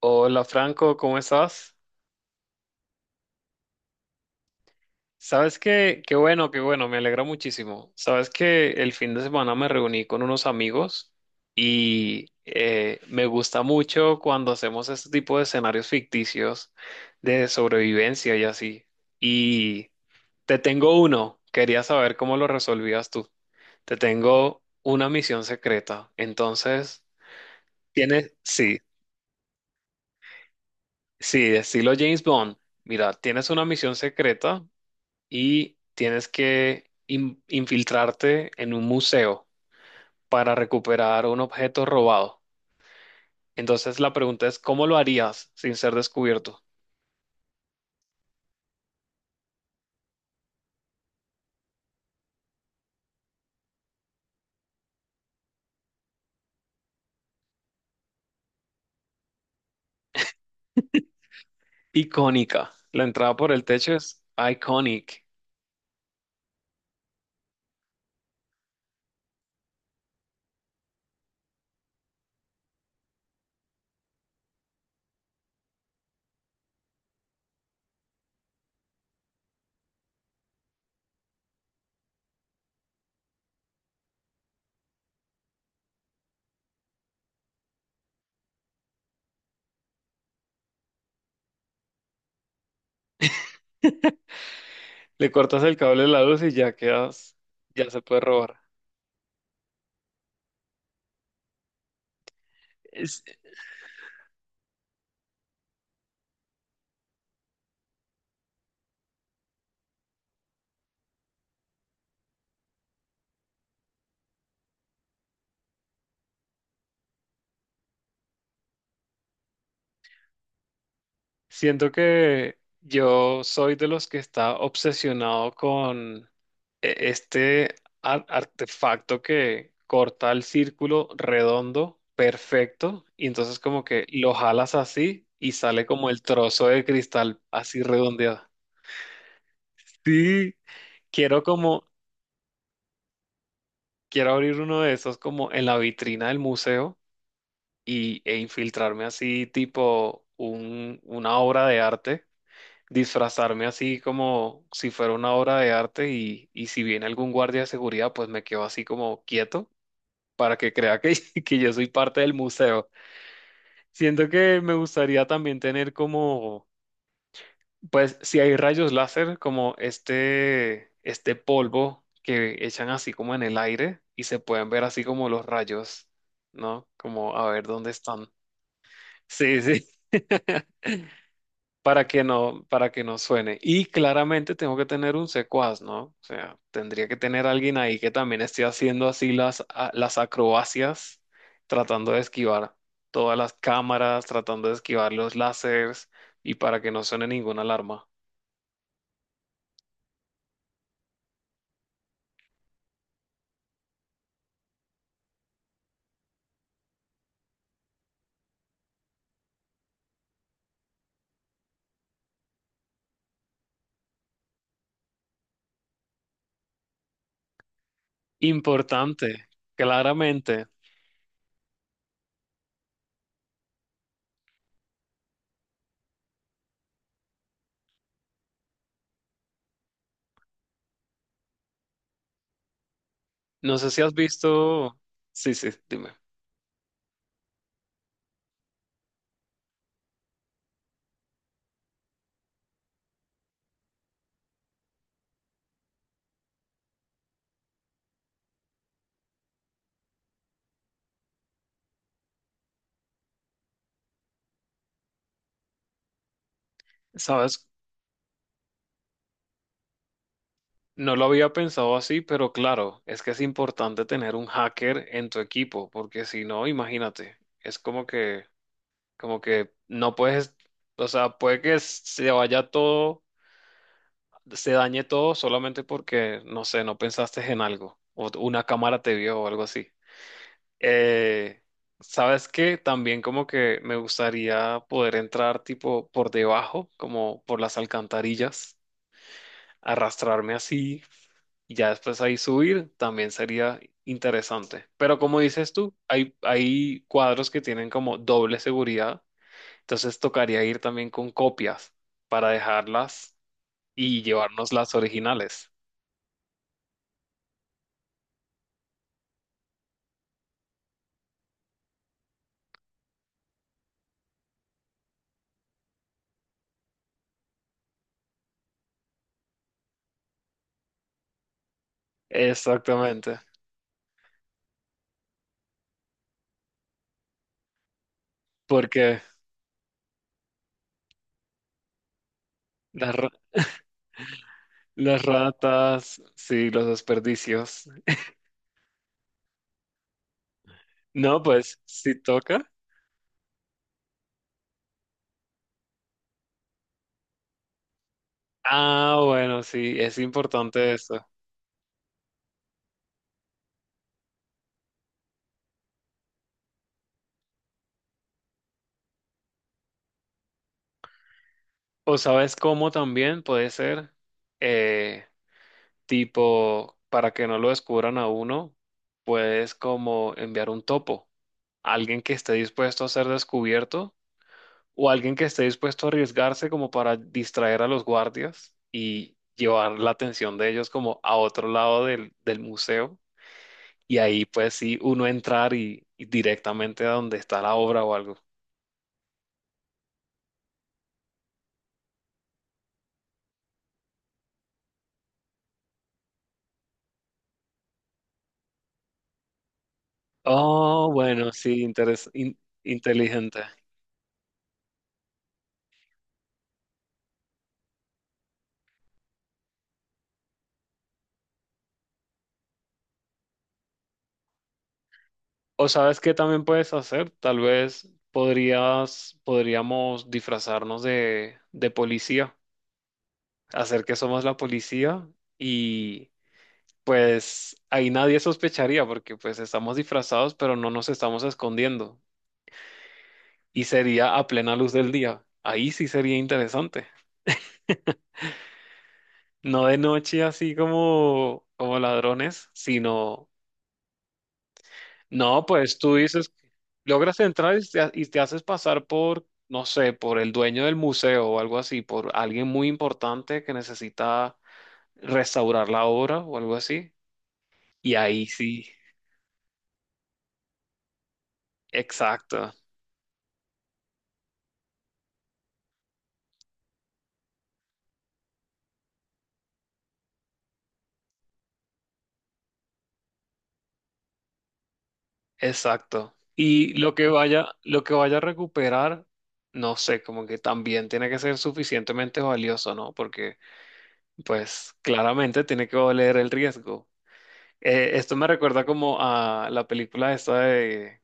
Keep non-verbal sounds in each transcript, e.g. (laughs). Hola Franco, ¿cómo estás? Sabes que, qué bueno, me alegra muchísimo. Sabes que el fin de semana me reuní con unos amigos y me gusta mucho cuando hacemos este tipo de escenarios ficticios de sobrevivencia y así. Y te tengo uno, quería saber cómo lo resolvías tú. Te tengo una misión secreta, entonces tienes, sí, sí, estilo James Bond. Mira, tienes una misión secreta y tienes que infiltrarte en un museo para recuperar un objeto robado. Entonces la pregunta es, ¿cómo lo harías sin ser descubierto? Icónica. La entrada por el techo es iconic. Le cortas el cable de la luz y ya quedas, ya se puede robar. Siento que yo soy de los que está obsesionado con este artefacto que corta el círculo redondo, perfecto, y entonces como que lo jalas así y sale como el trozo de cristal así redondeado. Sí, quiero como, quiero abrir uno de esos como en la vitrina del museo y, e infiltrarme así tipo un, una obra de arte, disfrazarme así como si fuera una obra de arte, y si viene algún guardia de seguridad, pues me quedo así como quieto para que crea que, (laughs) que yo soy parte del museo. Siento que me gustaría también tener como, pues si hay rayos láser, como este polvo que echan así como en el aire y se pueden ver así como los rayos, ¿no? Como a ver dónde están. Sí, sí. (laughs) Para que no, para que no suene. Y claramente tengo que tener un secuaz, ¿no? O sea, tendría que tener alguien ahí que también esté haciendo así las, las acrobacias, tratando de esquivar todas las cámaras, tratando de esquivar los láseres y para que no suene ninguna alarma. Importante, claramente. No sé si has visto. Sí, sí, dime. ¿Sabes? No lo había pensado así, pero claro, es que es importante tener un hacker en tu equipo, porque si no, imagínate, es como que no puedes, o sea, puede que se vaya todo, se dañe todo solamente porque, no sé, no pensaste en algo, o una cámara te vio o algo así. Eh, ¿Sabes qué? También como que me gustaría poder entrar tipo por debajo, como por las alcantarillas, arrastrarme así y ya después ahí subir también sería interesante. Pero como dices tú, hay cuadros que tienen como doble seguridad, entonces tocaría ir también con copias para dejarlas y llevarnos las originales. Exactamente, porque las, las ratas, sí, los desperdicios. No, pues si toca. Ah, bueno, sí, es importante eso. O sabes cómo también puede ser. eh, Tipo, para que no lo descubran a uno, puedes como enviar un topo, alguien que esté dispuesto a ser descubierto o alguien que esté dispuesto a arriesgarse como para distraer a los guardias y llevar la atención de ellos como a otro lado del, del museo. Y ahí pues sí, uno entrar y directamente a donde está la obra o algo. Oh, bueno, sí, inteligente. O sabes qué también puedes hacer, tal vez podrías, podríamos disfrazarnos de policía, hacer que somos la policía y pues ahí nadie sospecharía porque pues estamos disfrazados pero no nos estamos escondiendo y sería a plena luz del día. Ahí sí sería interesante. No de noche así como, como ladrones, sino no, pues tú dices, logras entrar y te haces pasar por, no sé, por el dueño del museo o algo así, por alguien muy importante que necesita restaurar la obra o algo así. Y ahí sí, exacto, exacto. Y lo que vaya a recuperar, no sé, como que también tiene que ser suficientemente valioso, ¿no? Porque, pues, claramente tiene que valer el riesgo. Esto me recuerda como a la película esta de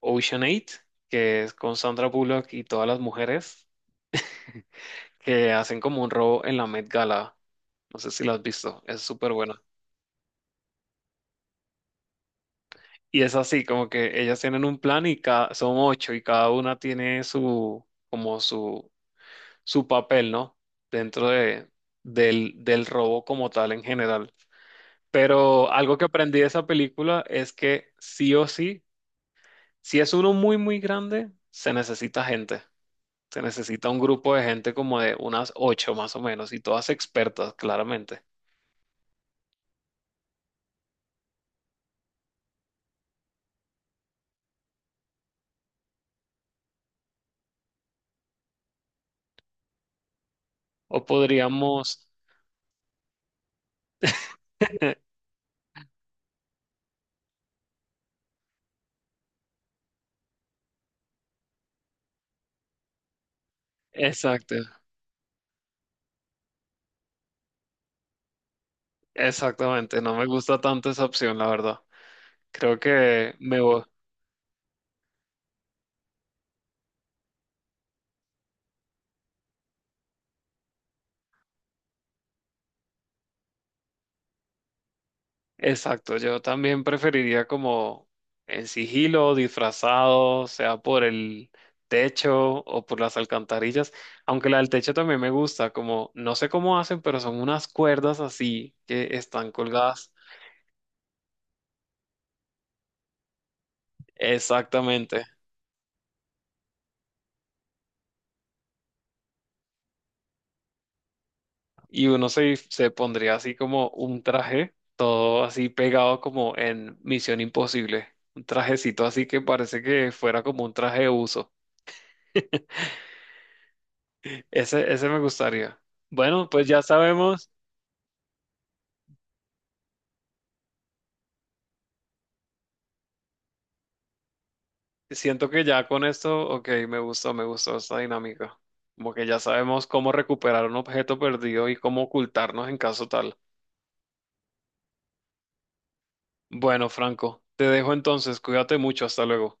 Ocean 8, que es con Sandra Bullock y todas las mujeres que hacen como un robo en la Met Gala. No sé si lo has visto, es súper buena. Y es así, como que ellas tienen un plan y cada, son ocho y cada una tiene su, como su papel, ¿no? Dentro de, del, del robo como tal en general. Pero algo que aprendí de esa película es que sí o sí, si es uno muy, muy grande, se necesita gente. Se necesita un grupo de gente como de unas ocho más o menos y todas expertas, claramente. O podríamos... (laughs) Exacto, exactamente. No me gusta tanto esa opción, la verdad. Creo que me voy. Exacto, yo también preferiría como en sigilo, disfrazado, sea por el techo o por las alcantarillas, aunque la del techo también me gusta, como no sé cómo hacen, pero son unas cuerdas así que están colgadas. Exactamente. Y uno se, se pondría así como un traje, todo así pegado como en Misión Imposible, un trajecito así que parece que fuera como un traje de uso. (laughs) Ese me gustaría. Bueno, pues ya sabemos, siento que ya con esto, ok, me gustó esta dinámica. Como que ya sabemos cómo recuperar un objeto perdido y cómo ocultarnos en caso tal. Bueno, Franco, te dejo entonces, cuídate mucho, hasta luego.